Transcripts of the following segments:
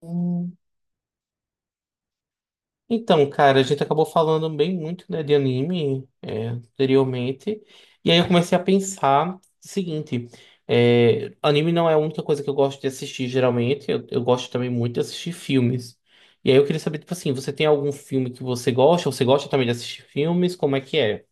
Hum, Então, cara, a gente acabou falando bem muito, né, de anime, anteriormente, e aí eu comecei a pensar o seguinte, anime não é a única coisa que eu gosto de assistir. Geralmente, eu gosto também muito de assistir filmes, e aí eu queria saber, tipo assim, você tem algum filme que você gosta? Você gosta também de assistir filmes, como é que é?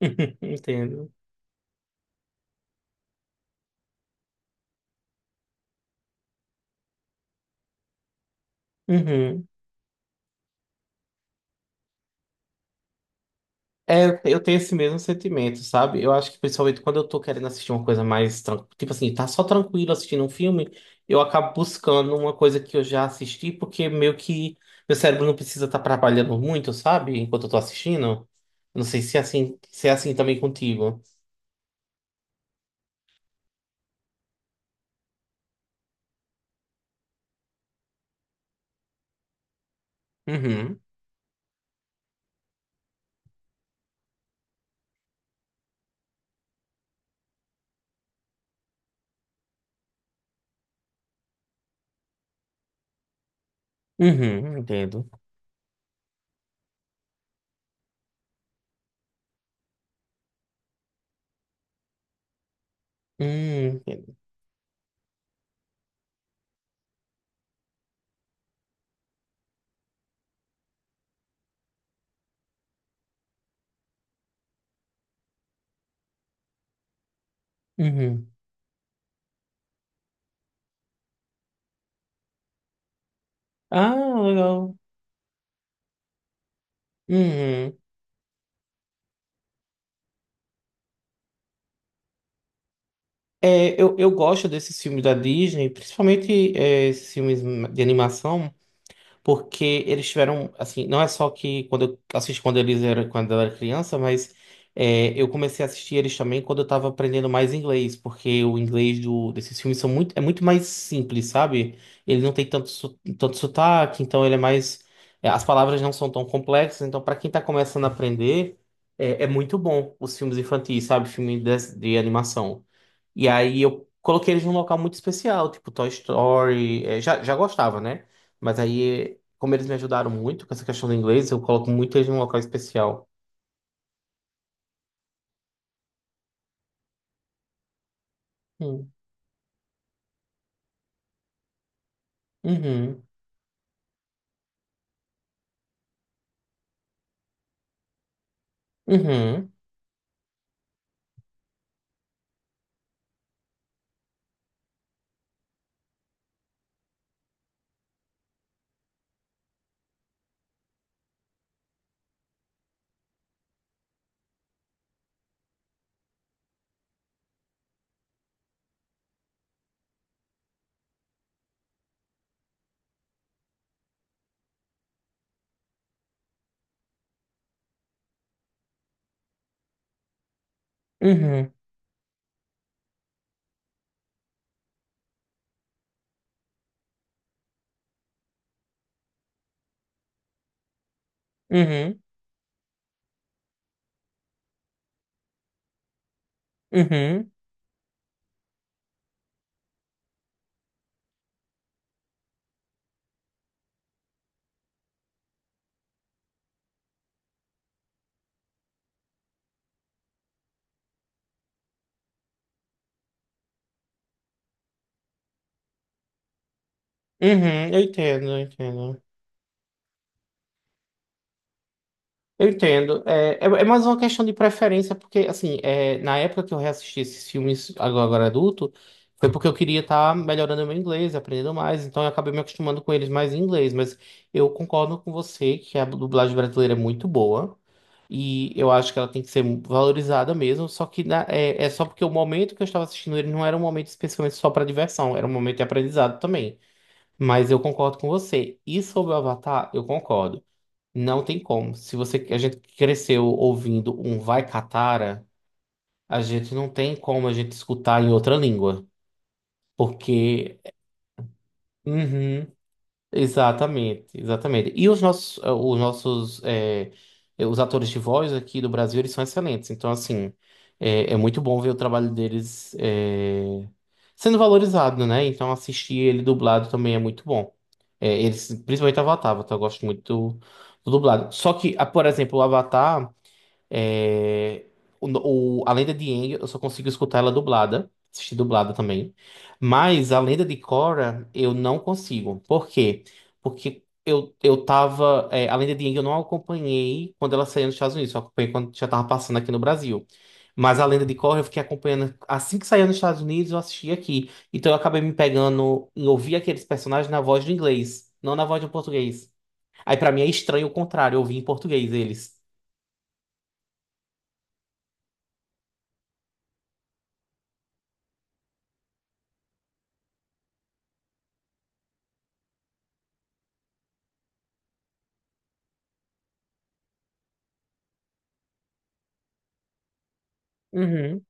Entendo. Uhum. É, eu tenho esse mesmo sentimento, sabe? Eu acho que principalmente quando eu tô querendo assistir uma coisa mais, tipo assim, tá só tranquilo assistindo um filme, eu acabo buscando uma coisa que eu já assisti, porque meio que meu cérebro não precisa estar trabalhando muito, sabe? Enquanto eu tô assistindo. Não sei se é assim, se é assim também contigo. Uhum. Uhum, entendo. Entendo. Uhum. Ah, legal. Uhum. É, eu gosto desses filmes da Disney, principalmente esses filmes de animação, porque eles tiveram, assim, não é só que quando eu assisti quando eles eram, quando eu era criança, mas é, eu comecei a assistir eles também quando eu tava aprendendo mais inglês, porque o inglês do, desses filmes são muito, é muito mais simples, sabe? Ele não tem tanto, tanto sotaque, então ele é mais, é, as palavras não são tão complexas, então para quem tá começando a aprender, é, é muito bom os filmes infantis, sabe? Filme de animação. E aí eu coloquei eles num local muito especial, tipo Toy Story, é, já gostava, né? Mas aí como eles me ajudaram muito com essa questão do inglês, eu coloco muito eles num local especial. Hum. Uhum. Uhum. Uhum. Uhum. Uhum. Uhum. Eu entendo, eu entendo. Eu entendo. É, é, é mais uma questão de preferência, porque, assim, é, na época que eu reassisti esses filmes agora, agora adulto, foi porque eu queria estar melhorando o meu inglês, aprendendo mais, então eu acabei me acostumando com eles mais em inglês. Mas eu concordo com você que a dublagem brasileira é muito boa. E eu acho que ela tem que ser valorizada mesmo, só que é, é só porque o momento que eu estava assistindo ele não era um momento especificamente só para diversão, era um momento de aprendizado também. Mas eu concordo com você. E sobre o Avatar, eu concordo. Não tem como. Se você, a gente cresceu ouvindo um Vai Catara, a gente não tem como a gente escutar em outra língua. Porque. Uhum. Exatamente, exatamente. E os nossos, os nossos, é, os atores de voz aqui do Brasil, eles são excelentes. Então, assim, é, é muito bom ver o trabalho deles, é, sendo valorizado, né? Então, assistir ele dublado também é muito bom. É, eles, principalmente Avatar, Avatar, eu gosto muito do, do dublado. Só que, ah, por exemplo, o Avatar. É, o, a Lenda de Aang, eu só consigo escutar ela dublada, assistir dublada também. Mas a Lenda de Korra, eu não consigo. Por quê? Porque eu tava. É, a Lenda de Aang eu não acompanhei quando ela saiu nos Estados Unidos, só acompanhei quando já tava passando aqui no Brasil. Mas a Lenda de Korra eu fiquei acompanhando assim que saiu nos Estados Unidos, eu assisti aqui. Então eu acabei me pegando em ouvir aqueles personagens na voz do inglês, não na voz do português. Aí pra mim é estranho o contrário, eu ouvi em português eles. Uhum,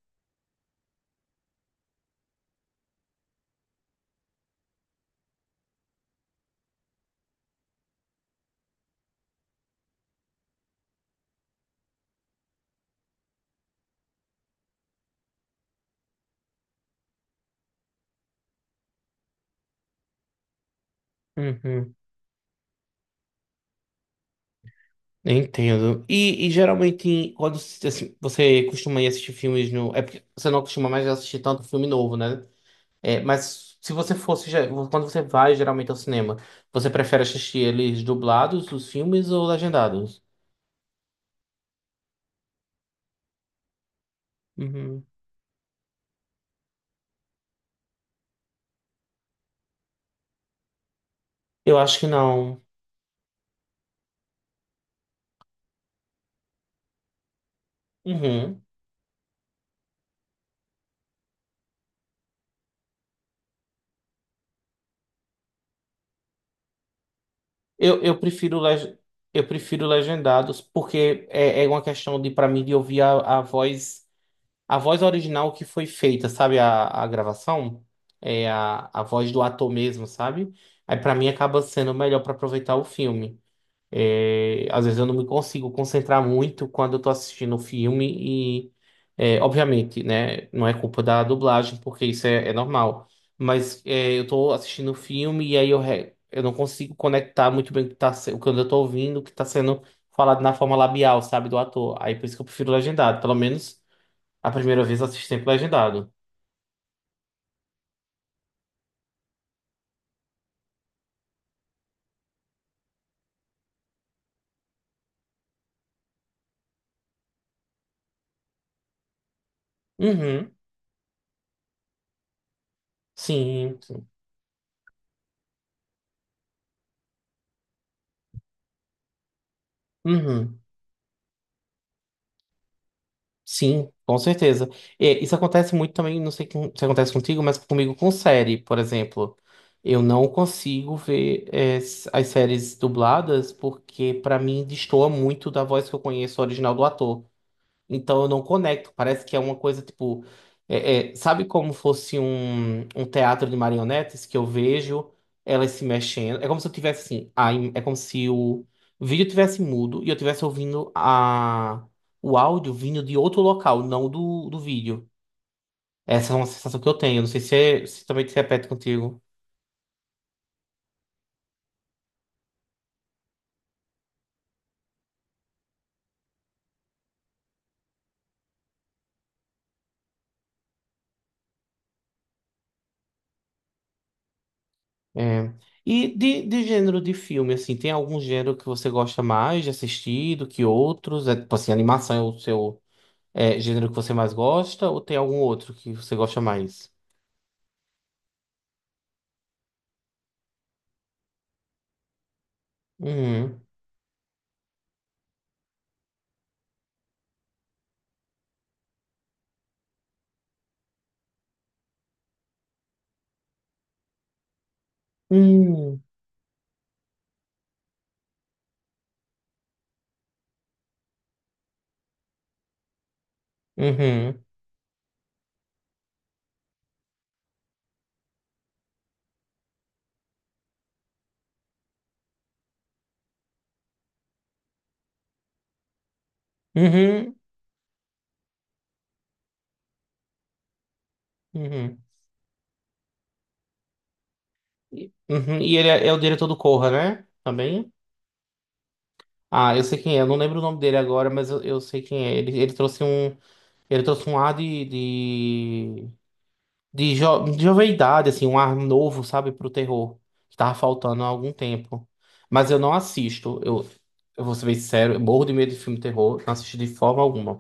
uhum. Entendo. E geralmente, quando assim, você costuma ir assistir filmes no. É porque você não costuma mais assistir tanto filme novo, né? É, mas se você fosse. Quando você vai geralmente ao cinema, você prefere assistir eles dublados, os filmes, ou legendados? Uhum. Eu acho que não. Uhum. Eu prefiro leg... eu prefiro legendados, porque é, é uma questão de, para mim, de ouvir a voz. A voz original que foi feita, sabe? A gravação é a voz do ator mesmo, sabe? Aí pra mim acaba sendo melhor pra aproveitar o filme. É, às vezes eu não me consigo concentrar muito quando eu tô assistindo o filme e, é, obviamente, né? Não é culpa da dublagem, porque isso é, é normal. Mas é, eu tô assistindo o filme e aí eu, eu não consigo conectar muito bem o que, tá, o que eu tô ouvindo, o que tá sendo falado na forma labial, sabe? Do ator. Aí por isso que eu prefiro legendado, pelo menos. A primeira vez assisti sempre legendado. Uhum. Sim, sim. Uhum. Sim, com certeza. E isso acontece muito também, não sei se acontece contigo, mas comigo com série, por exemplo. Eu não consigo ver as séries dubladas porque, pra mim, destoa muito da voz que eu conheço original do ator. Então eu não conecto. Parece que é uma coisa tipo. É, sabe como fosse um, um teatro de marionetes que eu vejo elas se mexendo? É como se eu tivesse assim. A, é como se o vídeo tivesse mudo e eu tivesse ouvindo a, o áudio vindo de outro local, não do, do vídeo. Essa é uma sensação que eu tenho. Não sei se, se também se repete contigo. É. E de gênero de filme, assim, tem algum gênero que você gosta mais de assistir do que outros? É, tipo assim, animação é o seu. É gênero que você mais gosta ou tem algum outro que você gosta mais? Uhum. Uhum. Uhum. Uhum. Uhum. E uhum. E ele é, é o diretor do Corra, né? Também. Ah, eu sei quem é. Eu não lembro o nome dele agora, mas eu sei quem é. Ele, ele trouxe um ar de, de jovialidade, assim, um ar novo, sabe, pro terror, que tava faltando há algum tempo. Mas eu não assisto. Eu vou ser bem sincero, eu morro de medo de filme de terror, não assisto de forma alguma.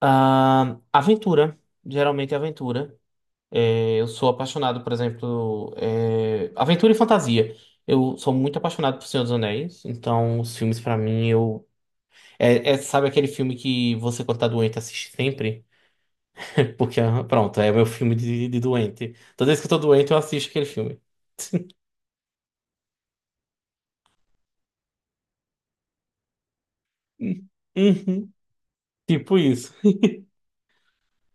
Ah, aventura. Geralmente é aventura. É, eu sou apaixonado, por exemplo, é, aventura e fantasia. Eu sou muito apaixonado por Senhor dos Anéis, então os filmes pra mim eu é, é, sabe aquele filme que você quando tá doente assiste sempre? Porque ah, pronto, é meu filme de doente. Toda vez que eu tô doente eu assisto aquele filme. Hum, uhum, tipo isso.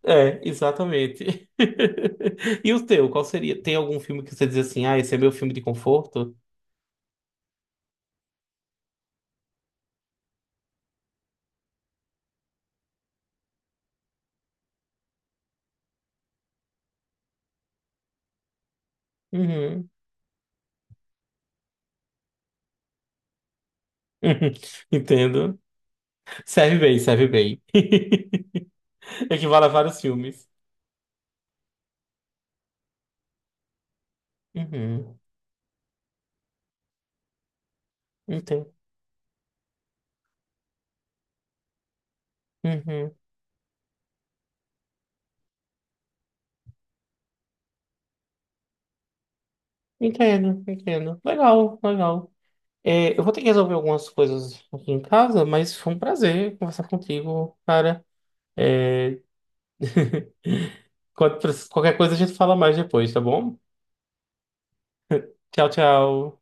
É, exatamente. E o teu, qual seria? Tem algum filme que você diz assim, ah, esse é meu filme de conforto? Uhum. Entendo. Serve bem, serve bem. Equivale a vários filmes. Uhum. Entendo. Uhum. Entendo, entendo. Legal, legal. É, eu vou ter que resolver algumas coisas aqui em casa, mas foi um prazer conversar contigo, cara. É, qual- qualquer coisa a gente fala mais depois, tá bom? Tchau, tchau.